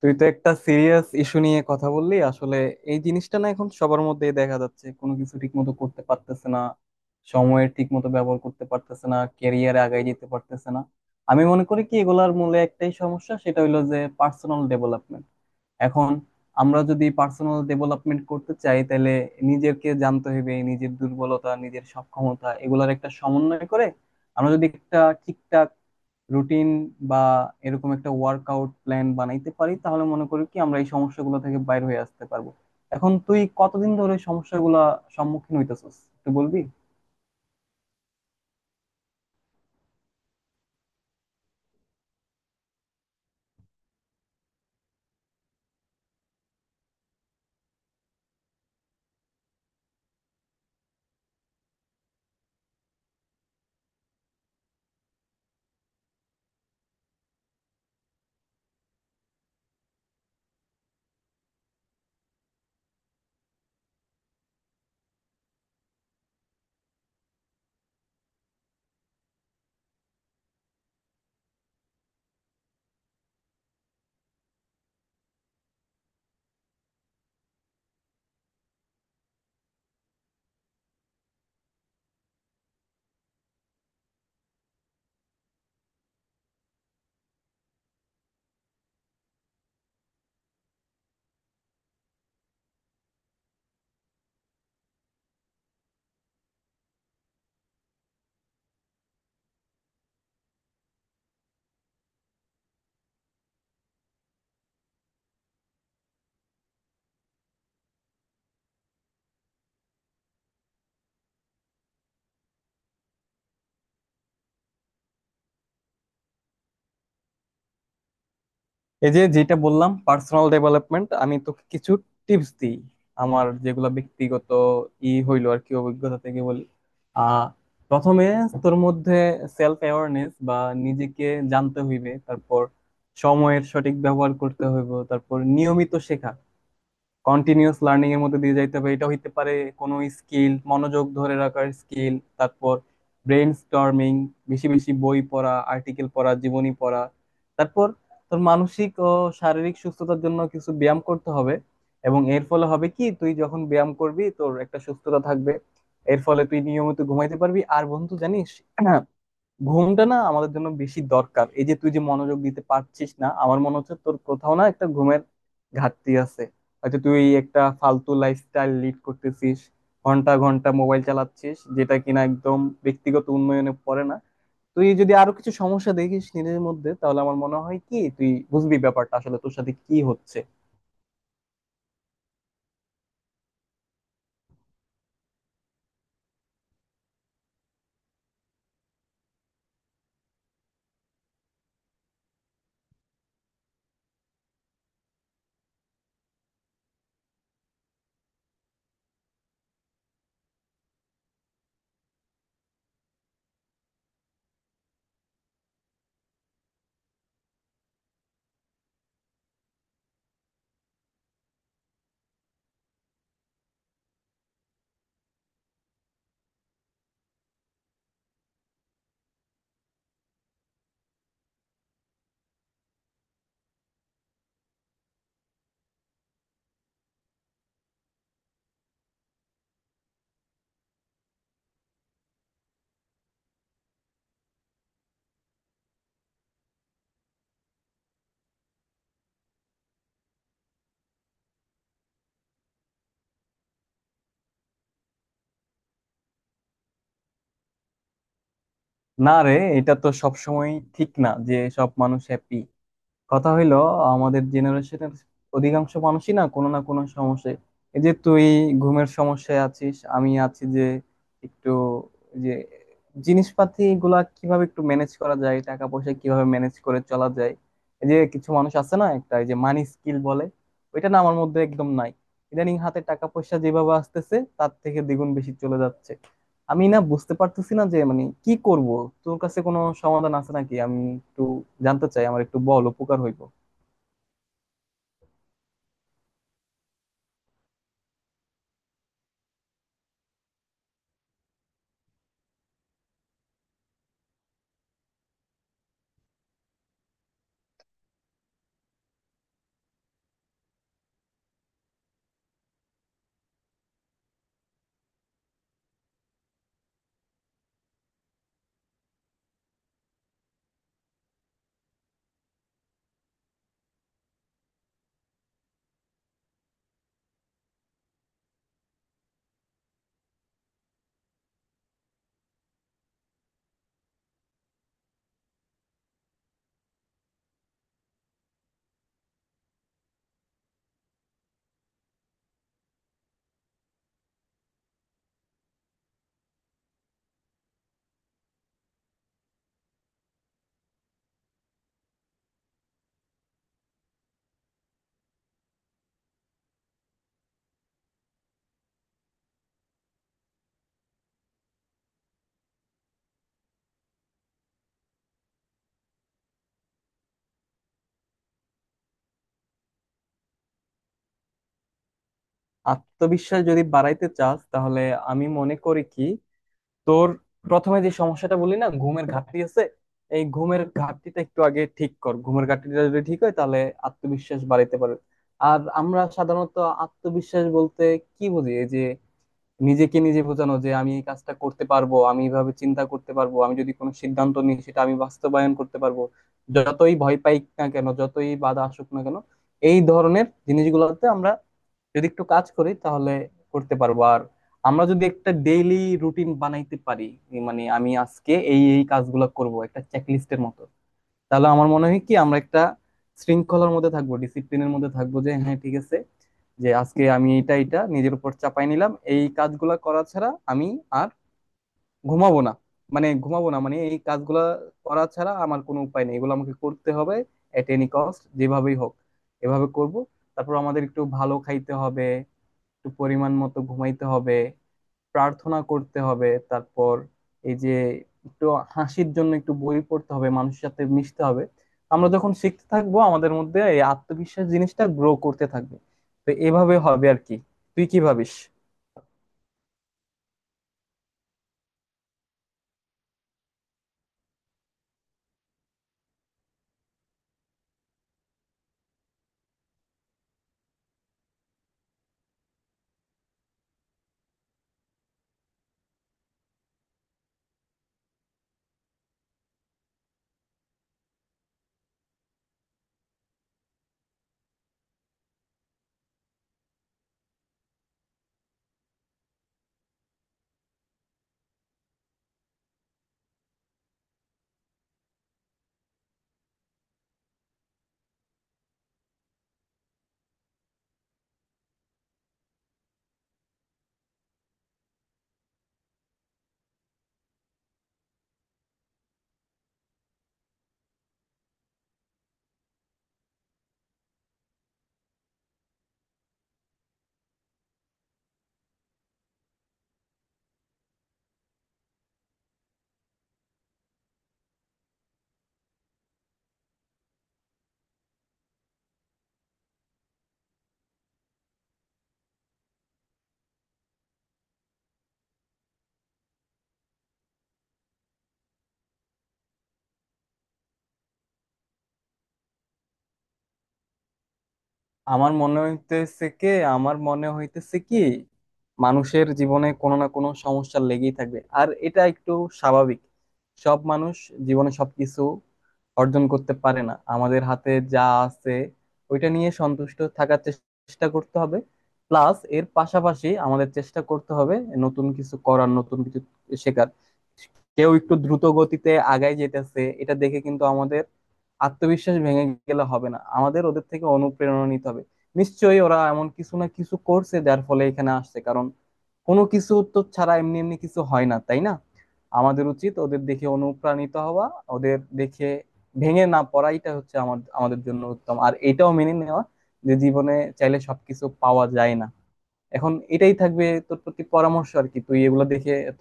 তুই তো একটা সিরিয়াস ইস্যু নিয়ে কথা বললি আসলে। এই জিনিসটা না এখন সবার মধ্যেই দেখা যাচ্ছে, কোনো কিছু ঠিক মতো করতে পারতেছে না, সময়ের ঠিক মতো ব্যবহার করতে পারতেছে না, ক্যারিয়ারে আগায় যেতে পারতেছে না। আমি মনে করি কি এগুলার মূলে একটাই সমস্যা, সেটা হলো যে পার্সোনাল ডেভেলপমেন্ট। এখন আমরা যদি পার্সোনাল ডেভেলপমেন্ট করতে চাই, তাহলে নিজেকে জানতে হবে, নিজের দুর্বলতা নিজের সক্ষমতা এগুলার একটা সমন্বয় করে আমরা যদি একটা ঠিকঠাক রুটিন বা এরকম একটা ওয়ার্কআউট প্ল্যান বানাইতে পারি, তাহলে মনে করি কি আমরা এই সমস্যাগুলো থেকে বাইরে হয়ে আসতে পারবো। এখন তুই কতদিন ধরে সমস্যাগুলো সম্মুখীন হইতেছিস একটু বলবি? এই যে যেটা বললাম পার্সোনাল ডেভেলপমেন্ট, আমি তোকে কিছু টিপস দিই, আমার যেগুলো ব্যক্তিগত ই হইলো আর কি অভিজ্ঞতা থেকে বলি। আহ প্রথমে তোর মধ্যে সেলফ অ্যাওয়ারনেস বা নিজেকে জানতে হইবে, তারপর সময়ের সঠিক ব্যবহার করতে হইব, তারপর নিয়মিত শেখা, কন্টিনিউয়াস লার্নিং এর মধ্যে দিয়ে যাইতে হবে। এটা হইতে পারে কোনো স্কিল, মনোযোগ ধরে রাখার স্কিল। তারপর ব্রেন স্টর্মিং, বেশি বেশি বই পড়া, আর্টিকেল পড়া, জীবনী পড়া। তারপর তোর মানসিক ও শারীরিক সুস্থতার জন্য কিছু ব্যায়াম করতে হবে, এবং এর ফলে হবে কি তুই যখন ব্যায়াম করবি তোর একটা সুস্থতা থাকবে, এর ফলে তুই নিয়মিত ঘুমাইতে পারবি। আর বন্ধু, জানিস, হ্যাঁ, ঘুমটা না আমাদের জন্য বেশি দরকার। এই যে তুই যে মনোযোগ দিতে পারছিস না, আমার মনে হচ্ছে তোর কোথাও না একটা ঘুমের ঘাটতি আছে। হয়তো তুই একটা ফালতু লাইফস্টাইল লিড করতেছিস, ঘন্টা ঘন্টা মোবাইল চালাচ্ছিস, যেটা কিনা একদম ব্যক্তিগত উন্নয়নে পড়ে না। তুই যদি আরো কিছু সমস্যা দেখিস নিজের মধ্যে, তাহলে আমার মনে হয় কি তুই বুঝবি ব্যাপারটা আসলে তোর সাথে কি হচ্ছে। না রে, এটা তো সবসময় ঠিক না যে সব মানুষ হ্যাপি। কথা হইলো আমাদের জেনারেশনের অধিকাংশ মানুষই না কোনো না কোনো সমস্যায়। এই যে তুই ঘুমের সমস্যায় আছিস, আমি আছি যে একটু যে জিনিসপাতি গুলা কিভাবে একটু ম্যানেজ করা যায়, টাকা পয়সা কিভাবে ম্যানেজ করে চলা যায়। এই যে কিছু মানুষ আছে না, একটা এই যে মানি স্কিল বলে, ওইটা না আমার মধ্যে একদম নাই। ইদানিং হাতে টাকা পয়সা যেভাবে আসতেছে তার থেকে দ্বিগুণ বেশি চলে যাচ্ছে। আমি না বুঝতে পারতেছি না যে মানে কি করব। তোর কাছে কোনো সমাধান আছে নাকি? আমি একটু জানতে চাই, আমার একটু বল, উপকার হইব। আত্মবিশ্বাস যদি বাড়াইতে চাস, তাহলে আমি মনে করি কি তোর প্রথমে যে সমস্যাটা বলি না, ঘুমের ঘাটতি আছে, এই ঘুমের ঘাটতিটা একটু আগে ঠিক কর। ঘুমের ঘাটতিটা যদি ঠিক হয়, তাহলে আত্মবিশ্বাস বাড়াইতে পারবে। আর আমরা সাধারণত আত্মবিশ্বাস বলতে কি বুঝি? এই যে নিজেকে নিজে বোঝানো যে আমি এই কাজটা করতে পারবো, আমি এইভাবে চিন্তা করতে পারবো, আমি যদি কোনো সিদ্ধান্ত নিই সেটা আমি বাস্তবায়ন করতে পারবো, যতই ভয় পাই না কেন, যতই বাধা আসুক না কেন। এই ধরনের জিনিসগুলোতে আমরা যদি একটু কাজ করি, তাহলে করতে পারবো। আর আমরা যদি একটা ডেইলি রুটিন বানাইতে পারি, এই মানে আমি আজকে এই এই কাজগুলো করব, একটা চেকলিস্টের মতো, তাহলে আমার মনে হয় কি আমরা একটা শৃঙ্খলার মধ্যে থাকবো, ডিসিপ্লিনের মধ্যে থাকবো, যে হ্যাঁ ঠিক আছে, যে আজকে আমি এটা এটা নিজের উপর চাপাই নিলাম, এই কাজগুলা করা ছাড়া আমি আর ঘুমাবো না। মানে ঘুমাবো না মানে এই কাজগুলা করা ছাড়া আমার কোনো উপায় নেই, এগুলো আমাকে করতে হবে এট এনি কস্ট, যেভাবেই হোক এভাবে করব। তারপর আমাদের একটু ভালো খাইতে হবে, একটু পরিমাণ মতো ঘুমাইতে হবে, প্রার্থনা করতে হবে, তারপর এই যে একটু হাসির জন্য একটু বই পড়তে হবে, মানুষের সাথে মিশতে হবে। আমরা যখন শিখতে থাকবো, আমাদের মধ্যে এই আত্মবিশ্বাস জিনিসটা গ্রো করতে থাকবে। তো এভাবে হবে আর কি। তুই কি ভাবিস? আমার মনে হইতেছে কি আমার মনে হইতেছে কি মানুষের জীবনে কোনো না কোনো সমস্যা লেগেই থাকবে, আর এটা একটু স্বাভাবিক। সব মানুষ জীবনে সবকিছু অর্জন করতে পারে না। আমাদের হাতে যা আছে ওইটা নিয়ে সন্তুষ্ট থাকার চেষ্টা করতে হবে, প্লাস এর পাশাপাশি আমাদের চেষ্টা করতে হবে নতুন কিছু করার, নতুন কিছু শেখার। কেউ একটু দ্রুত গতিতে আগায় যেতেছে এটা দেখে কিন্তু আমাদের আত্মবিশ্বাস ভেঙে গেলে হবে না, আমাদের ওদের থেকে অনুপ্রেরণা নিতে হবে। নিশ্চয়ই ওরা এমন কিছু না কিছু করছে যার ফলে এখানে আসছে, কারণ কোনো কিছু তো ছাড়া এমনি এমনি কিছু হয় না, তাই না? আমাদের উচিত ওদের দেখে অনুপ্রাণিত হওয়া, ওদের দেখে ভেঙে না পড়াইটা হচ্ছে আমাদের আমাদের জন্য উত্তম, আর এটাও মেনে নেওয়া যে জীবনে চাইলে সবকিছু পাওয়া যায় না। এখন এটাই থাকবে তোর প্রতি পরামর্শ আর কি, তুই এগুলো দেখে এত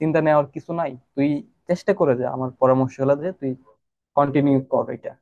চিন্তা নেওয়ার কিছু নাই, তুই চেষ্টা করে যা। আমার পরামর্শ হলো যে তুই কন্টিনিউ কর এটা।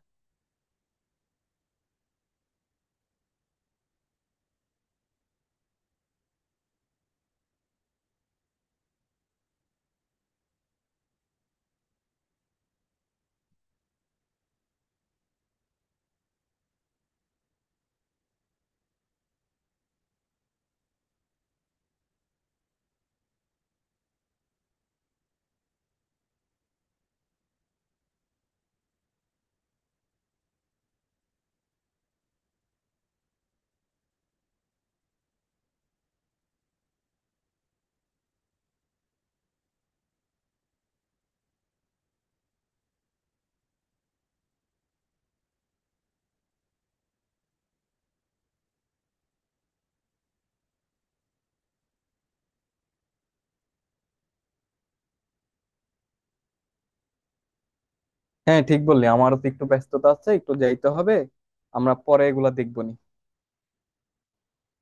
হ্যাঁ, ঠিক বললি, আমারও তো একটু ব্যস্ততা আছে, একটু যাইতে হবে। আমরা পরে এগুলা দেখবো নি।